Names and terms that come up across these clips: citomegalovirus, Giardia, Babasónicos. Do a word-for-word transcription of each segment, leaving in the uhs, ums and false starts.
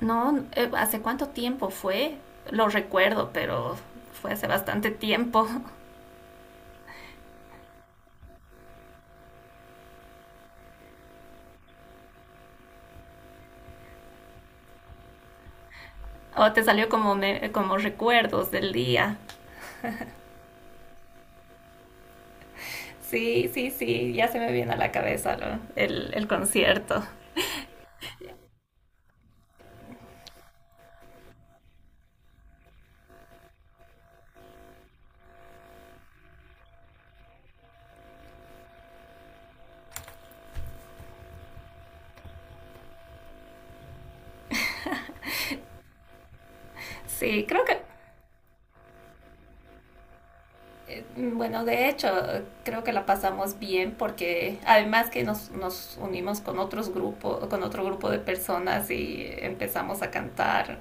No, eh, ¿hace cuánto tiempo fue? Lo recuerdo, pero fue hace bastante tiempo. O te salió como, me- como recuerdos del día. Sí, sí, sí, ya se me viene a la cabeza lo- el, el concierto. Sí, creo que, eh, bueno, de hecho, creo que la pasamos bien porque además que nos, nos unimos con otros grupos, con otro grupo de personas y empezamos a cantar.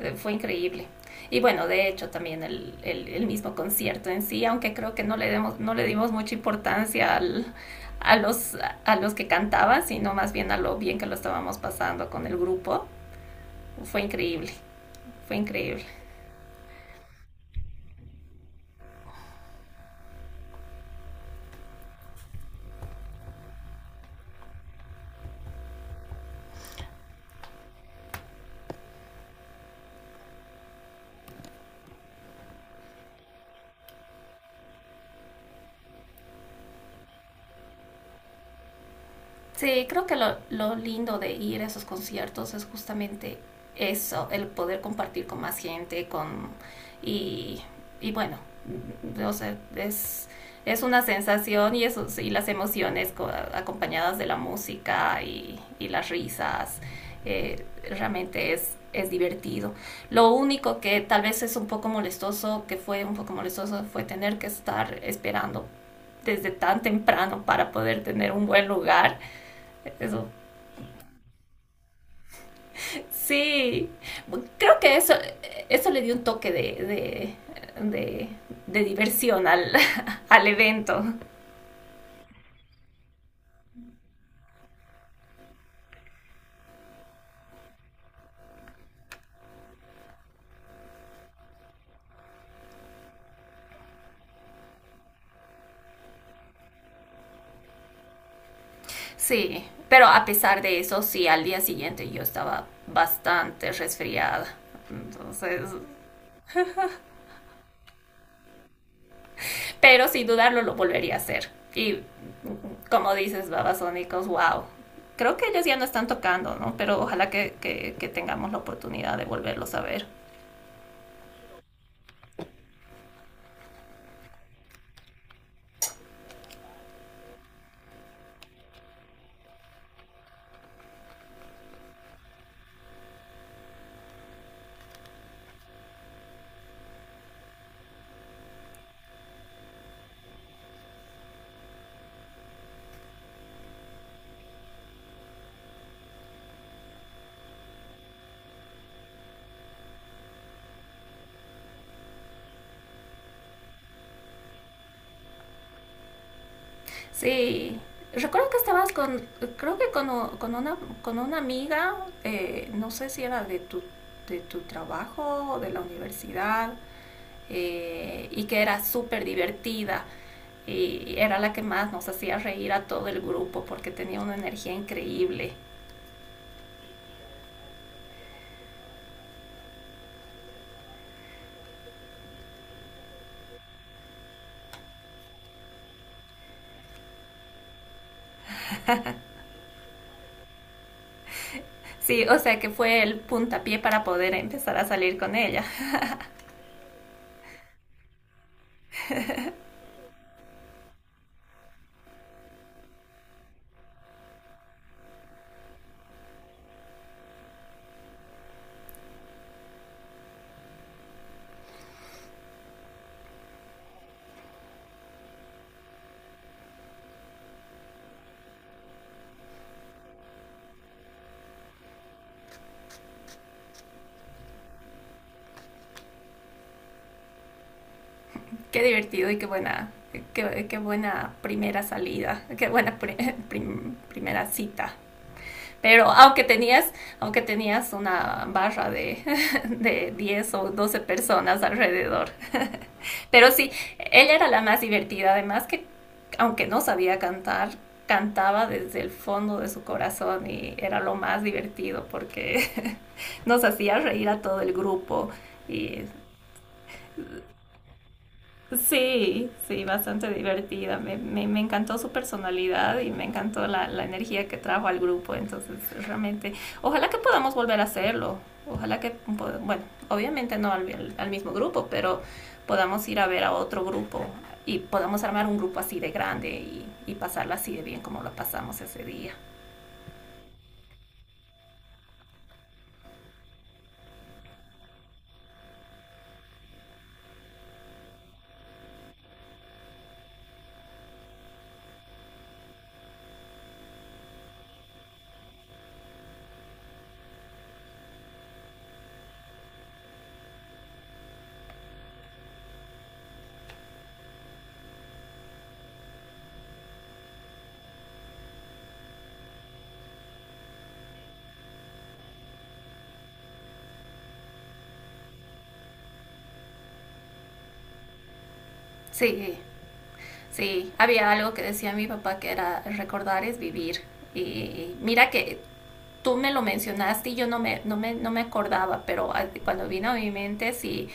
Eh, Fue increíble. Y bueno, de hecho también el, el, el mismo concierto en sí, aunque creo que no le, demos, no le dimos mucha importancia al, a, los, a los que cantaban, sino más bien a lo bien que lo estábamos pasando con el grupo, fue increíble, fue increíble. Sí, creo que lo, lo lindo de ir a esos conciertos es justamente eso, el poder compartir con más gente, con y, y bueno, o sea, es, es una sensación y, eso, y las emociones co- acompañadas de la música y, y las risas, eh, realmente es, es divertido. Lo único que tal vez es un poco molestoso, que fue un poco molestoso, fue tener que estar esperando desde tan temprano para poder tener un buen lugar, eso. Sí. Creo que eso, eso le dio un toque de, de, de, de diversión al, al evento. Sí. Pero a pesar de eso, sí, al día siguiente yo estaba bastante resfriada. Entonces, pero sin dudarlo lo volvería a hacer. Y como dices, Babasónicos, wow. Creo que ellos ya no están tocando, ¿no? Pero ojalá que, que, que tengamos la oportunidad de volverlos a ver. Sí, recuerdo que estabas con, creo que con, o- con una, con una amiga, eh, no sé si era de tu, de tu trabajo o de la universidad, eh, y que era súper divertida. Y era la que más nos hacía reír a todo el grupo porque tenía una energía increíble. Sí, o sea que fue el puntapié para poder empezar a salir con ella. Qué divertido y qué buena, qué, qué buena primera salida, qué buena pri- prim- primera cita. Pero aunque tenías, aunque tenías una barra de, de diez o doce personas alrededor. Pero sí, ella era la más divertida, además que aunque no sabía cantar, cantaba desde el fondo de su corazón y era lo más divertido porque nos hacía reír a todo el grupo y... Sí, sí, bastante divertida. Me, me, me encantó su personalidad y me encantó la, la energía que trajo al grupo. Entonces, realmente, ojalá que podamos volver a hacerlo. Ojalá que, pod- bueno, obviamente no al, al al mismo grupo, pero podamos ir a ver a otro grupo y podamos armar un grupo así de grande y, y pasarla así de bien como lo pasamos ese día. Sí, sí, había algo que decía mi papá que era: recordar es vivir. Y mira que tú me lo mencionaste y yo no me, no me, no me acordaba, pero cuando vino a mi mente sí,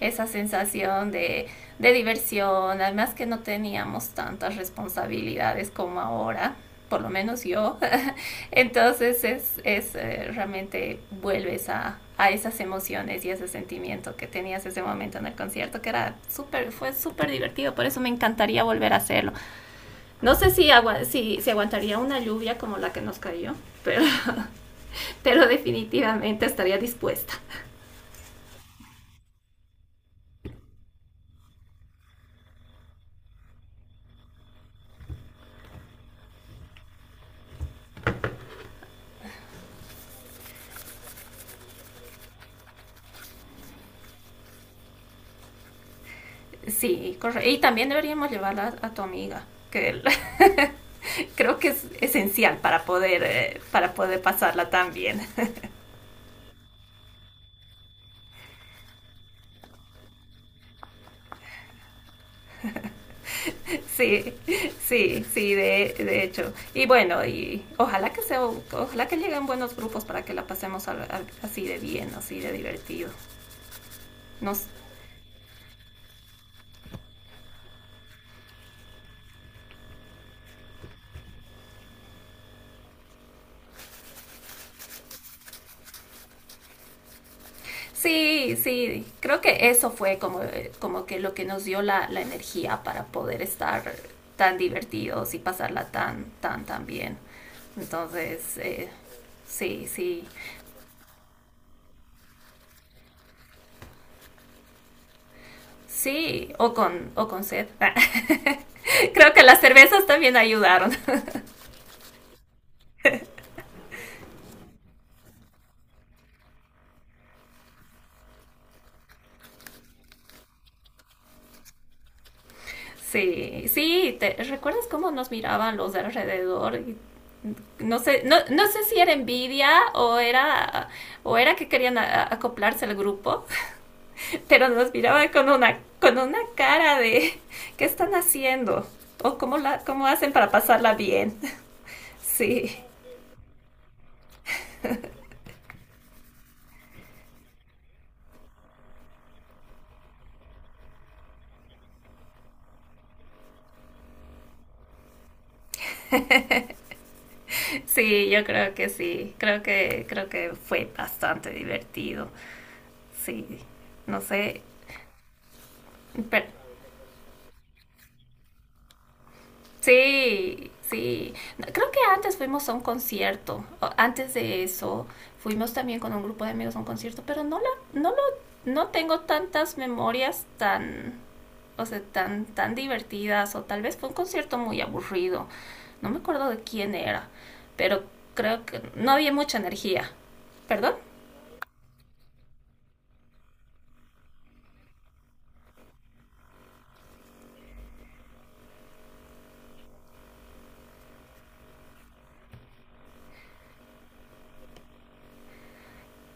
esa sensación de, de diversión, además que no teníamos tantas responsabilidades como ahora, por lo menos yo, entonces es, es eh, realmente vuelves a, a esas emociones y ese sentimiento que tenías ese momento en el concierto, que era súper, fue súper divertido, por eso me encantaría volver a hacerlo. No sé si, agua si, si aguantaría una lluvia como la que nos cayó, pero pero definitivamente estaría dispuesta. Sí, correcto. Y también deberíamos llevarla a tu amiga, que creo que es esencial para poder, eh, para poder pasarla tan bien. Sí, sí, sí, de, de hecho. Y bueno, y ojalá que sea, ojalá que lleguen buenos grupos para que la pasemos al- al- así de bien, así de divertido. Nos, sí, sí, creo que eso fue como, como que lo que nos dio la, la energía para poder estar tan divertidos y pasarla tan, tan, tan bien. Entonces, eh, sí, sí, sí, o con, o con sed. Creo que las cervezas también ayudaron. Sí, sí, ¿te recuerdas cómo nos miraban los de alrededor? Y no sé, no, no sé si era envidia o era, o era que querían a, a acoplarse al grupo. Pero nos miraba con una, con una cara de ¿qué están haciendo? ¿O cómo, la, cómo hacen para pasarla bien? Sí, sí, yo creo que sí, creo que, creo que fue bastante divertido, sí, no sé, pero sí, sí. No, creo que antes fuimos a un concierto. o- Antes de eso, fuimos también con un grupo de amigos a un concierto, pero no la, no lo, no tengo tantas memorias tan, o sea, tan, tan divertidas, o tal vez fue un concierto muy aburrido. No me acuerdo de quién era, pero creo que no había mucha energía. ¿Perdón?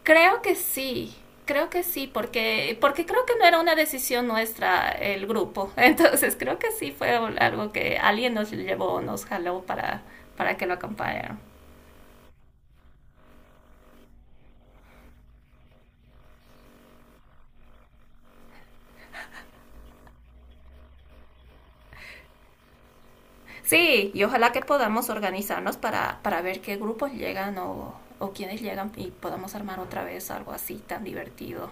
Creo que sí, creo que sí, porque, porque creo que no era una decisión nuestra el grupo. Entonces creo que sí fue algo que alguien nos llevó, nos jaló para, para que lo acompañaran. Sí, y ojalá que podamos organizarnos para, para ver qué grupos llegan o, o quiénes llegan y podamos armar otra vez algo así tan divertido.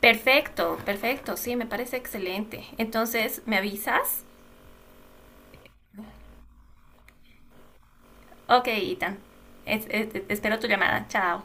Perfecto, perfecto, sí, me parece excelente. Entonces, ¿me avisas? Ok, Ethan. Es- es- espero tu llamada. Chao.